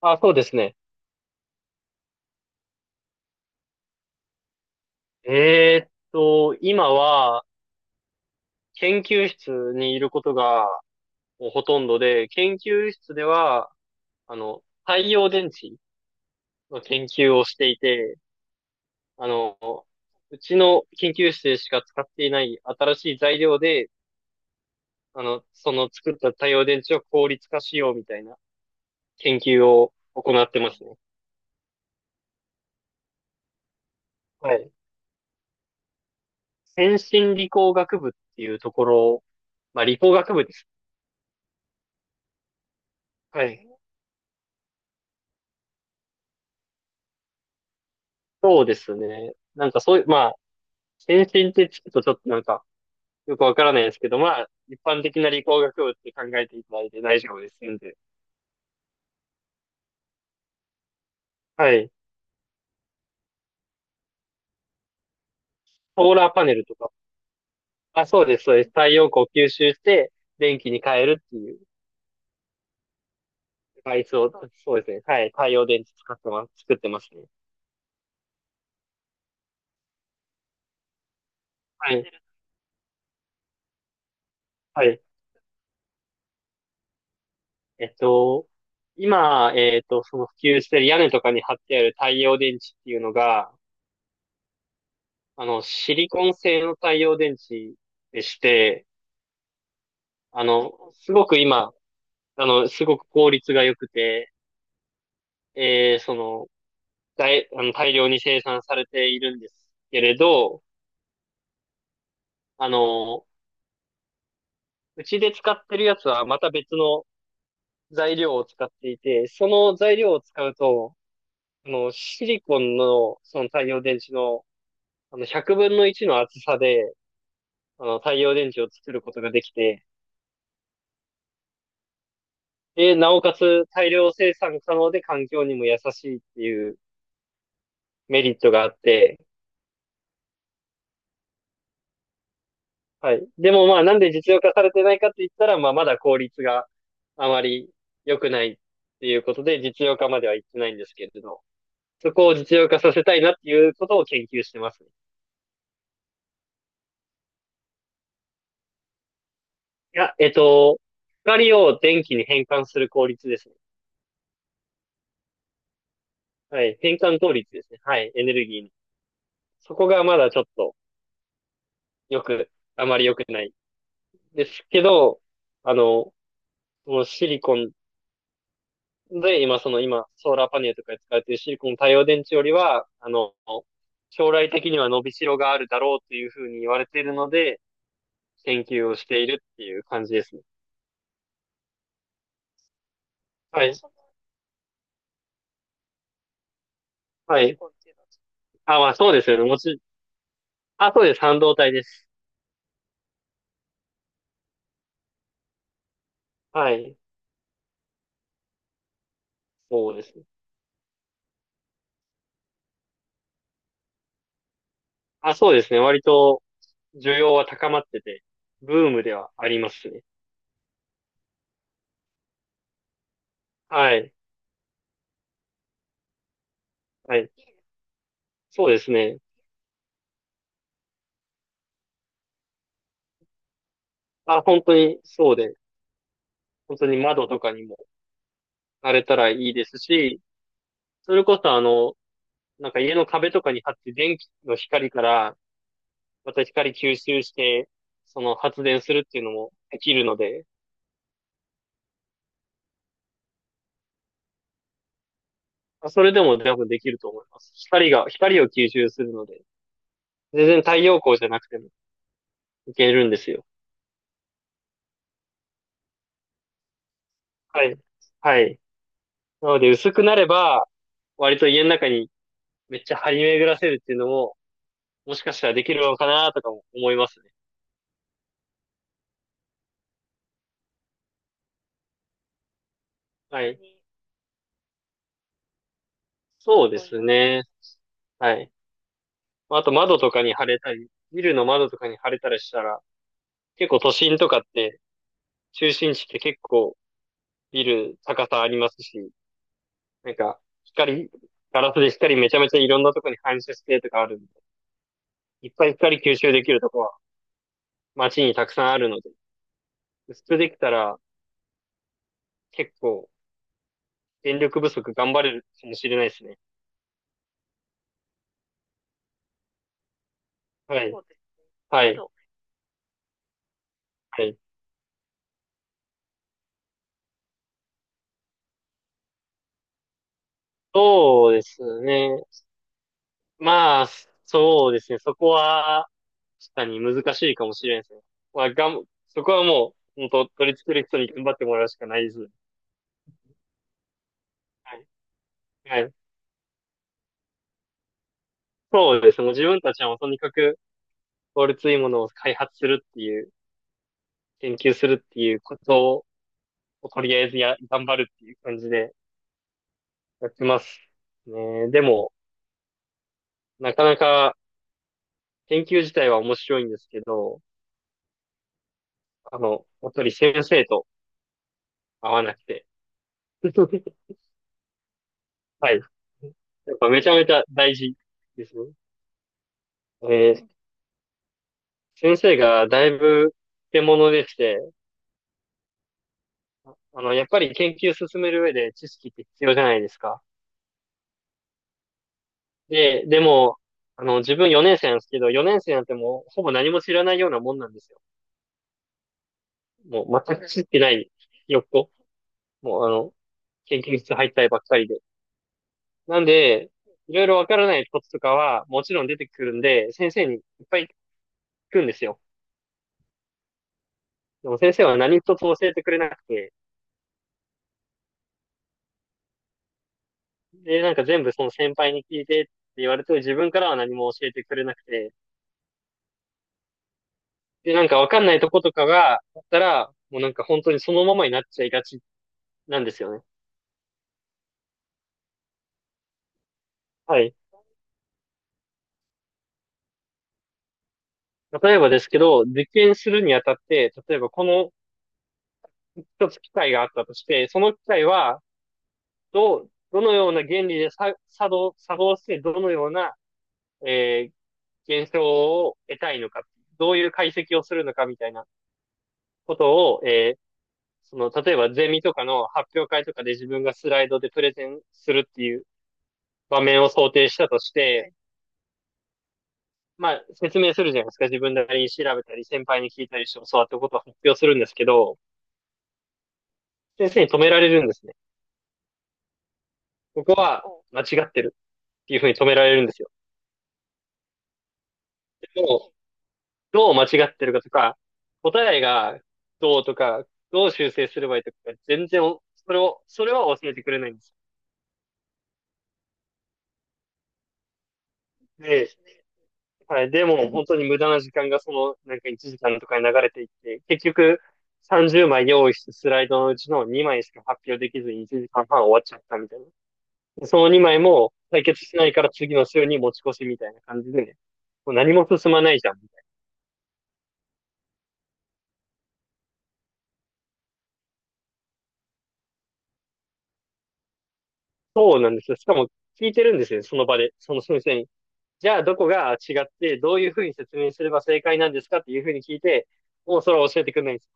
あ、そうですね。今は研究室にいることがもうほとんどで、研究室では、太陽電池の研究をしていて、あの、うちの研究室でしか使っていない新しい材料で、その作った太陽電池を効率化しようみたいな研究を行ってますね。はい。先進理工学部っていうところ、まあ理工学部です。はい。そうですね。なんかそういう、検診って聞くとちょっとなんか、よくわからないですけど、まあ、一般的な理工学部って考えていただいて大丈夫ですんで。はい。ソーラーパネルとか。あ、そうです、そうです。太陽光を吸収して、電気に変えるっていう、デバイスを、そうですね。はい。太陽電池使ってます、作ってますね。はい。はい。えっと、今、その普及してる屋根とかに貼ってある太陽電池っていうのが、シリコン製の太陽電池でして、すごく今、すごく効率が良くて、えー、その、大、あの、大量に生産されているんですけれど、あの、うちで使ってるやつはまた別の材料を使っていて、その材料を使うと、シリコンの、その太陽電池の、100分の1の厚さで、太陽電池を作ることができて、で、なおかつ大量生産可能で環境にも優しいっていうメリットがあって、はい。でもまあ、なんで実用化されてないかって言ったら、まあ、まだ効率があまり良くないっていうことで、実用化までは行ってないんですけれど、そこを実用化させたいなっていうことを研究してますね。いや、光を電気に変換する効率ですね。はい。変換効率ですね。はい。エネルギーに。そこがまだちょっと良く、あまり良くないですけど、あの、このシリコンで、今、その今、ソーラーパネルとかに使われているシリコン太陽電池よりは、将来的には伸びしろがあるだろうというふうに言われているので、研究をしているっていう感じですね。はい。はい。あ、まあそうですよね。あ、そうです。半導体です。はい。そうですね。あ、そうですね。割と需要は高まってて、ブームではありますね。はい。はい。そうですね。あ、本当にそうで、本当に窓とかにもなれたらいいですし、それこそなんか家の壁とかに貼って電気の光からまた光吸収して、その発電するっていうのもできるので、まあそれでも多分できると思います。光を吸収するので、全然太陽光じゃなくてもいけるんですよ。はい。はい。なので薄くなれば、割と家の中にめっちゃ張り巡らせるっていうのも、もしかしたらできるのかなとかも思いますね。はい。そうですね。はい。まあと窓とかに貼れたり、ビルの窓とかに貼れたりしたら、結構都心とかって、中心地って結構ビル高さありますし、なんか光、ガラスで光めちゃめちゃいろんなとこに反射してとかあるんで、いっぱい光吸収できるとこは街にたくさんあるので、薄くできたら結構電力不足頑張れるかもしれないですね。はい。そうですはねいそうはいそうですね。まあ、そうですね。そこは、確かに難しいかもしれないですね。まあ、そこはもう、本当取り付ける人に頑張ってもらうしかないですね。はい。はい。そうですね。もう自分たちはもうとにかく効率いいものを開発するっていう、研究するっていうことをとりあえず頑張るっていう感じでやってます。ね、でも、なかなか研究自体は面白いんですけど、やっぱり先生と合わなくて。はい。やっぱめちゃめちゃ大事ですね。えー先生がだいぶ手物でして、やっぱり研究進める上で知識って必要じゃないですか。で、でも、自分4年生なんですけど、4年生なんてもう、ほぼ何も知らないようなもんなんですよ。もう、全く知ってない、ひよっこ。もう、研究室入ったりばっかりで。なんで、いろいろわからないこととかは、もちろん出てくるんで、先生にいっぱい聞くんですよ。でも先生は何一つ教えてくれなくて、で、なんか全部その先輩に聞いてって言われて、自分からは何も教えてくれなくて、で、なんかわかんないとことかがあったら、もうなんか本当にそのままになっちゃいがちなんですよね。はい。例えばですけど、実験するにあたって、例えばこの一つ機械があったとして、その機械は、どのような原理でさ作動して、どのような、え現象を得たいのか、どういう解析をするのかみたいなことを、その、例えばゼミとかの発表会とかで自分がスライドでプレゼンするっていう場面を想定したとして、まあ、説明するじゃないですか。自分なりに調べたり、先輩に聞いたりして教わったことを発表するんですけど、先生に止められるんですね。ここは間違ってるっていうふうに止められるんですよ。でも、どう間違ってるかとか、答えがどうとか、どう修正すればいいとか、全然それは教えてくれないんです。で、はい、でも本当に無駄な時間がその、なんか1時間とかに流れていって、結局30枚用意したスライドのうちの2枚しか発表できずに1時間半終わっちゃったみたいな。その2枚も解決しないから次の週に持ち越しみたいな感じでね、もう何も進まないじゃん。そうなんですよ。しかも聞いてるんですよ、その場で、その先生に。じゃあ、どこが違って、どういうふうに説明すれば正解なんですかっていうふうに聞いて、もうそれは教えてくれないんです。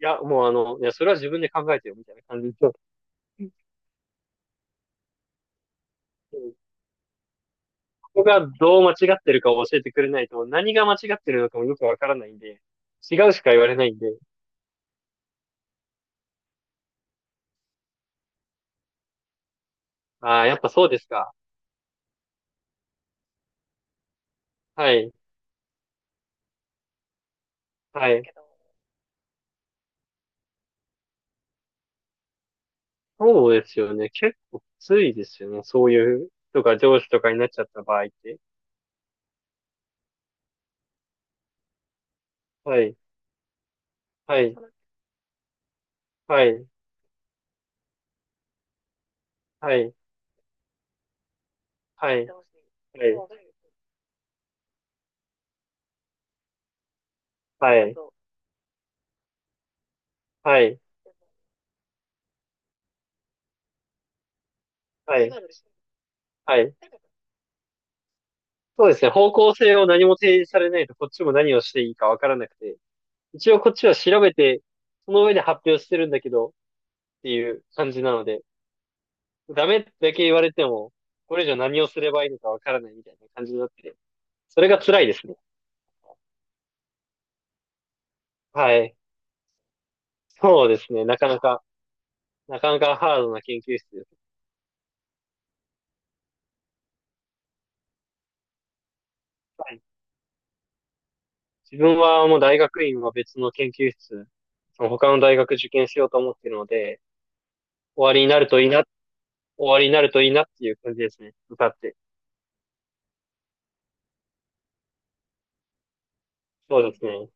いや、もういや、それは自分で考えてよ、みたいな感じで。うん。ここがどう間違ってるかを教えてくれないと、何が間違ってるのかもよくわからないんで、違うしか言われないんで、ああ、やっぱそうですか。はい、はい。そうですよね。結構きついですよね。そういう人が上司とかになっちゃった場合って。はい、はい、はい、はい。はやってい。はい、そはい、はい、は意い、外とはい。そうですね。方向性を何も提示されないと、こっちも何をしていいかわからなくて、一応こっちは調べて、その上で発表してるんだけど、っていう感じなので、ダメだけ言われても、これ以上何をすればいいのかわからないみたいな感じになってて、それが辛いですね。はい。そうですね。なかなか、なかなかハードな研究室です。はい。自分はもう大学院は別の研究室、その他の大学受験しようと思ってるので、終わりになるといいな、終わりになるといいなっていう感じですね。歌って。そうですね。